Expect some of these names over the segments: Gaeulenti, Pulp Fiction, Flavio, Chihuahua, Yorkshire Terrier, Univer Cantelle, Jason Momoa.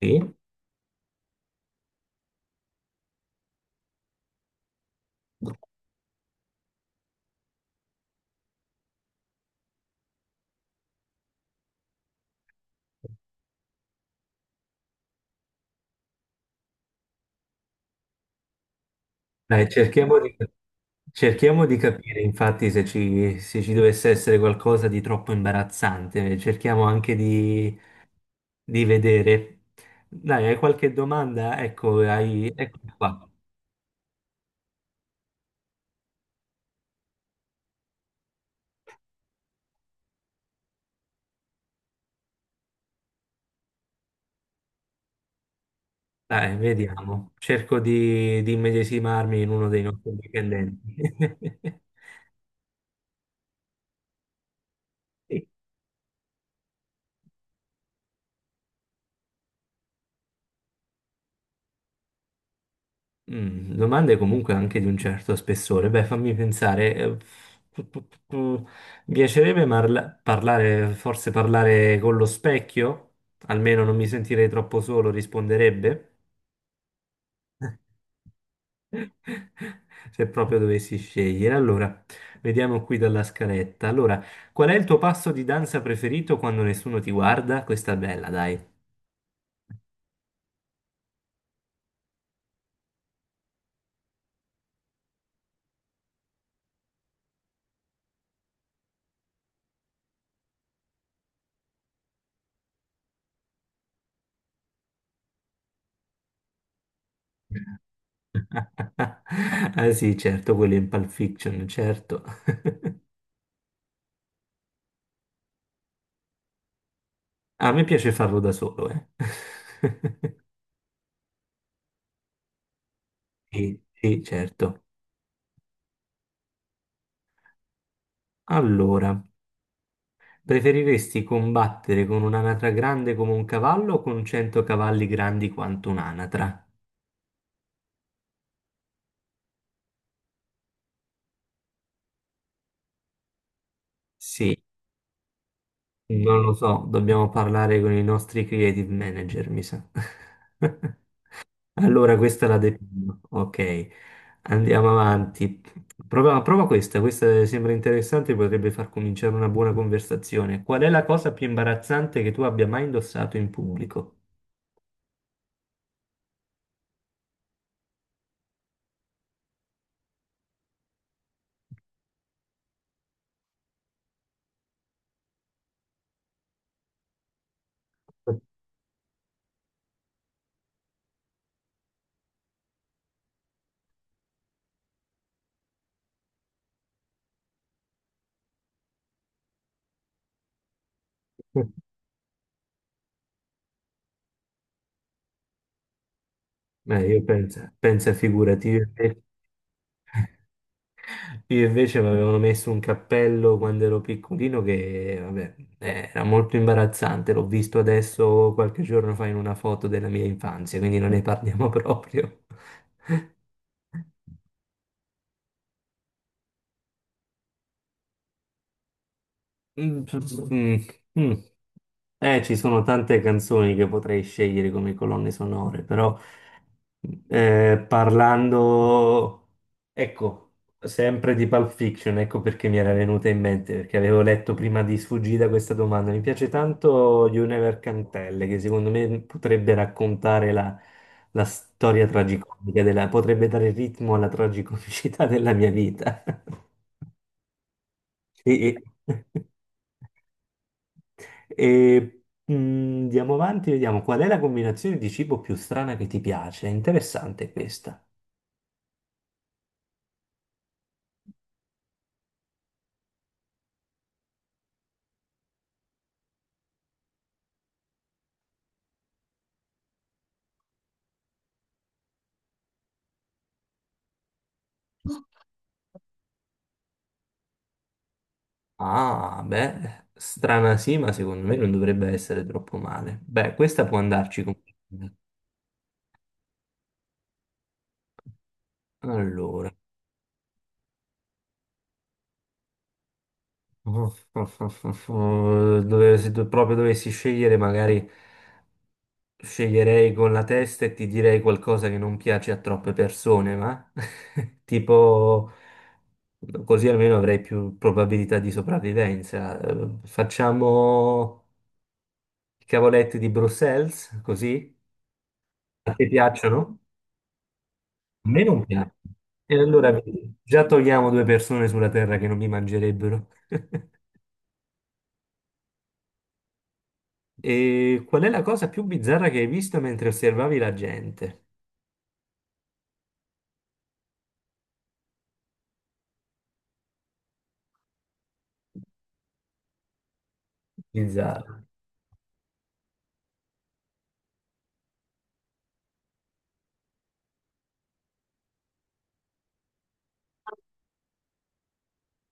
Sì, dai, cerchiamo di capire infatti se ci dovesse essere qualcosa di troppo imbarazzante, cerchiamo anche di vedere. Dai, hai qualche domanda? Ecco, eccomi qua. Dai, vediamo. Cerco di immedesimarmi in uno dei nostri dipendenti. Domande comunque anche di un certo spessore. Beh, fammi pensare. Pu- pu- pu- pu- Mi piacerebbe parlare, forse parlare con lo specchio? Almeno non mi sentirei troppo solo, risponderebbe. Se proprio dovessi scegliere. Allora, vediamo qui dalla scaletta. Allora, qual è il tuo passo di danza preferito quando nessuno ti guarda? Questa è bella, dai. Ah sì, certo, quello in Pulp Fiction, certo. A me piace farlo da solo, eh. Sì, sì, certo. Allora, preferiresti combattere con un'anatra grande come un cavallo o con 100 cavalli grandi quanto un'anatra? Sì, non lo so, dobbiamo parlare con i nostri creative manager, mi sa. Allora, questa la defino. Ok, andiamo avanti. Prova, prova questa, sembra interessante, potrebbe far cominciare una buona conversazione. Qual è la cosa più imbarazzante che tu abbia mai indossato in pubblico? Pensa, figurati, io invece mi avevano messo un cappello quando ero piccolino che, vabbè, era molto imbarazzante, l'ho visto adesso qualche giorno fa in una foto della mia infanzia, quindi non ne parliamo proprio. Mm, mm, mm. Ci sono tante canzoni che potrei scegliere come colonne sonore, però parlando, ecco, sempre di Pulp Fiction, ecco perché mi era venuta in mente, perché avevo letto prima di sfuggita questa domanda. Mi piace tanto Univer Cantelle, che secondo me potrebbe raccontare la storia tragicomica potrebbe dare ritmo alla tragicomicità della mia vita. Sì. E andiamo avanti, vediamo qual è la combinazione di cibo più strana che ti piace. È interessante questa. Ah, beh, strana sì, ma secondo me non dovrebbe essere troppo male. Beh, questa può andarci con. Allora, dove, se do- proprio dovessi scegliere magari. Sceglierei con la testa e ti direi qualcosa che non piace a troppe persone, ma tipo così almeno avrei più probabilità di sopravvivenza. Facciamo i cavoletti di Bruxelles, così? A te piacciono? A me non piacciono. E allora vedi, già togliamo due persone sulla terra che non mi mangerebbero. E qual è la cosa più bizzarra che hai visto mentre osservavi la gente? Bizzarra.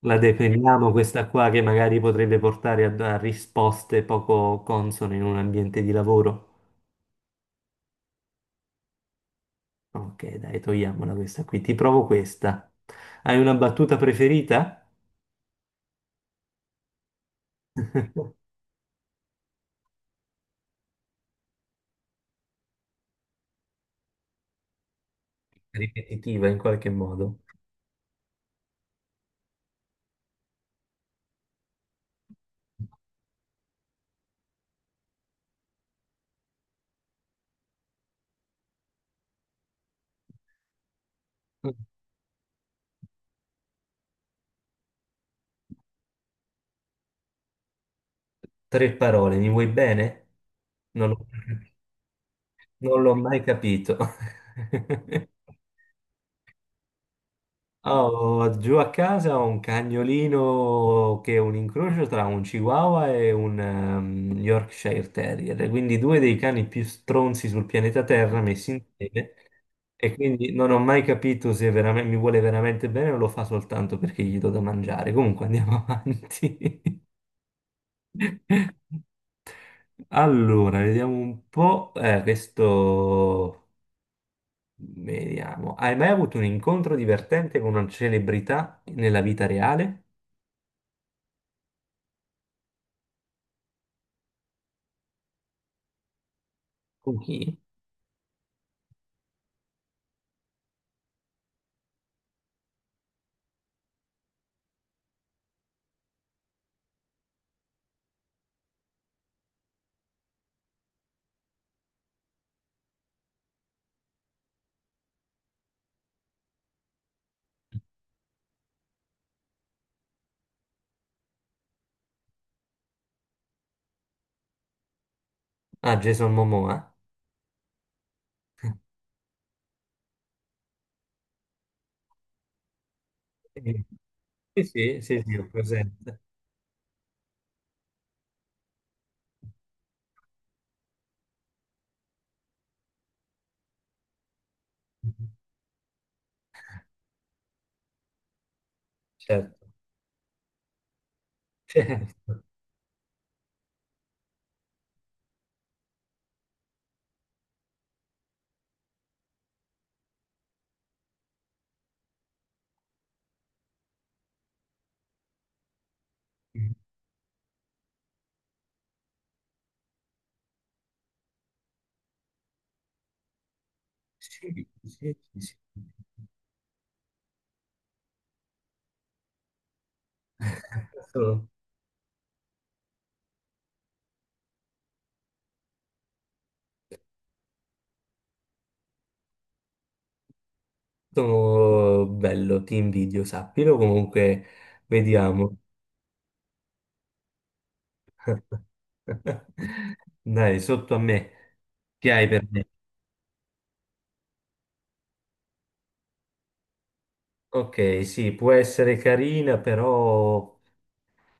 La definiamo questa qua che magari potrebbe portare a risposte poco consone in un ambiente di lavoro? Ok, dai, togliamola questa qui. Ti provo questa. Hai una battuta preferita? Ripetitiva in qualche modo. Tre parole, mi vuoi bene? Non l'ho non l'ho mai capito. Ah, Ho giù a casa ho un cagnolino che è un incrocio tra un Chihuahua e un Yorkshire Terrier, quindi due dei cani più stronzi sul pianeta Terra messi insieme. E quindi non ho mai capito se veramente, mi vuole veramente bene o lo fa soltanto perché gli do da mangiare. Comunque andiamo avanti. Allora, vediamo un po'. Questo. Vediamo. Hai mai avuto un incontro divertente con una celebrità nella vita reale? Con chi? Ah, Jason Momoa. Sì, sì, sì, sì, ho presente. Certo, certo. Sì, sì, sì, sì. Sono, sono bello, ti invidio, sappilo. Comunque, vediamo. Dai, sotto a me. Che hai per me? Ok, sì, può essere carina, però,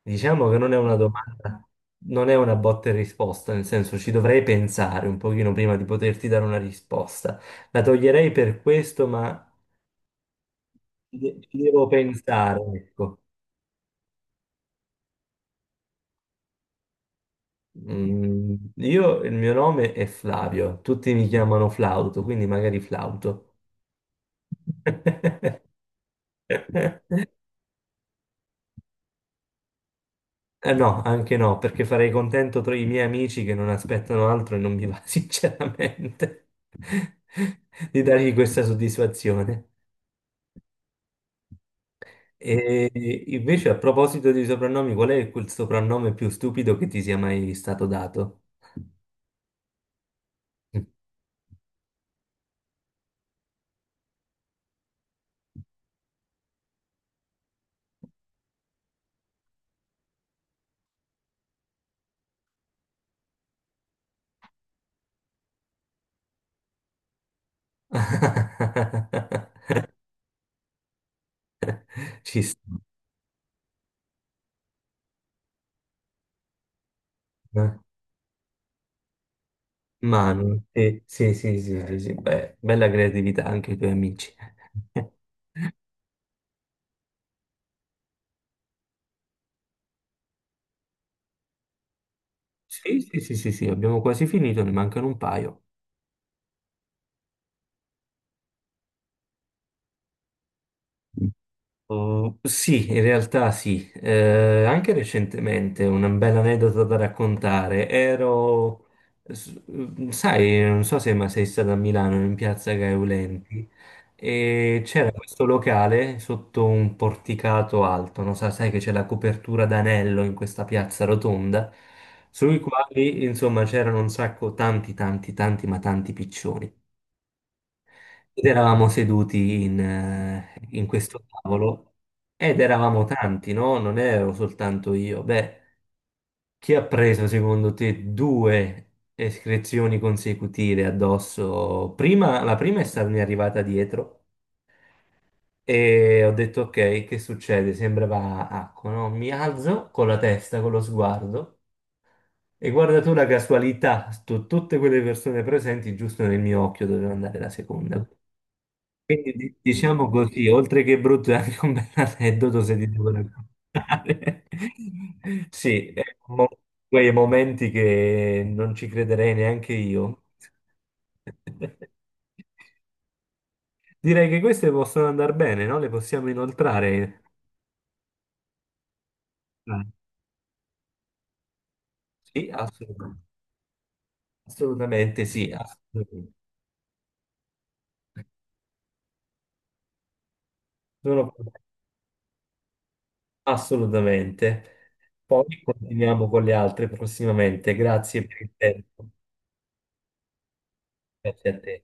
diciamo che non è una domanda, non è una botta e risposta, nel senso ci dovrei pensare un pochino prima di poterti dare una risposta. La toglierei per questo, ma ci devo pensare, ecco. Il mio nome è Flavio, tutti mi chiamano Flauto, quindi magari Flauto. No, anche no, perché farei contento tra i miei amici che non aspettano altro e non mi va sinceramente di dargli questa soddisfazione. E invece, a proposito di soprannomi, qual è quel soprannome più stupido che ti sia mai stato dato? Ci sta. Eh. Manu, sì, sì, sì, sì, sì, sì. Beh, bella creatività anche i tuoi amici. Sì, sì, sì, sì, sì, abbiamo quasi finito, ne mancano un paio. Oh, sì, in realtà sì, anche recentemente una bella aneddota da raccontare. Sai, non so se ma sei stata a Milano, in piazza Gaeulenti, e c'era questo locale sotto un porticato alto, non so, sai che c'è la copertura d'anello in questa piazza rotonda, sui quali, insomma, c'erano un sacco, tanti, tanti, tanti, ma tanti piccioni. Ed eravamo seduti in questo tavolo ed eravamo tanti, no? Non ero soltanto io. Beh, chi ha preso secondo te due escrezioni consecutive addosso? La prima è stata mi è arrivata dietro e ho detto ok, che succede? Sembrava acqua, no? Mi alzo con la testa, con lo sguardo e guarda tu la casualità, tutte quelle persone presenti giusto nel mio occhio doveva andare la seconda. Quindi diciamo così, oltre che brutto è anche un bel aneddoto se ti devo raccontare. Sì, è un mo- quei momenti che non ci crederei neanche io. Direi che queste possono andare bene, no? Le possiamo inoltrare. Ah, sì, assolutamente. Assolutamente sì, assolutamente. Sono- assolutamente. Poi continuiamo con le altre prossimamente. Grazie per il tempo. Grazie a te.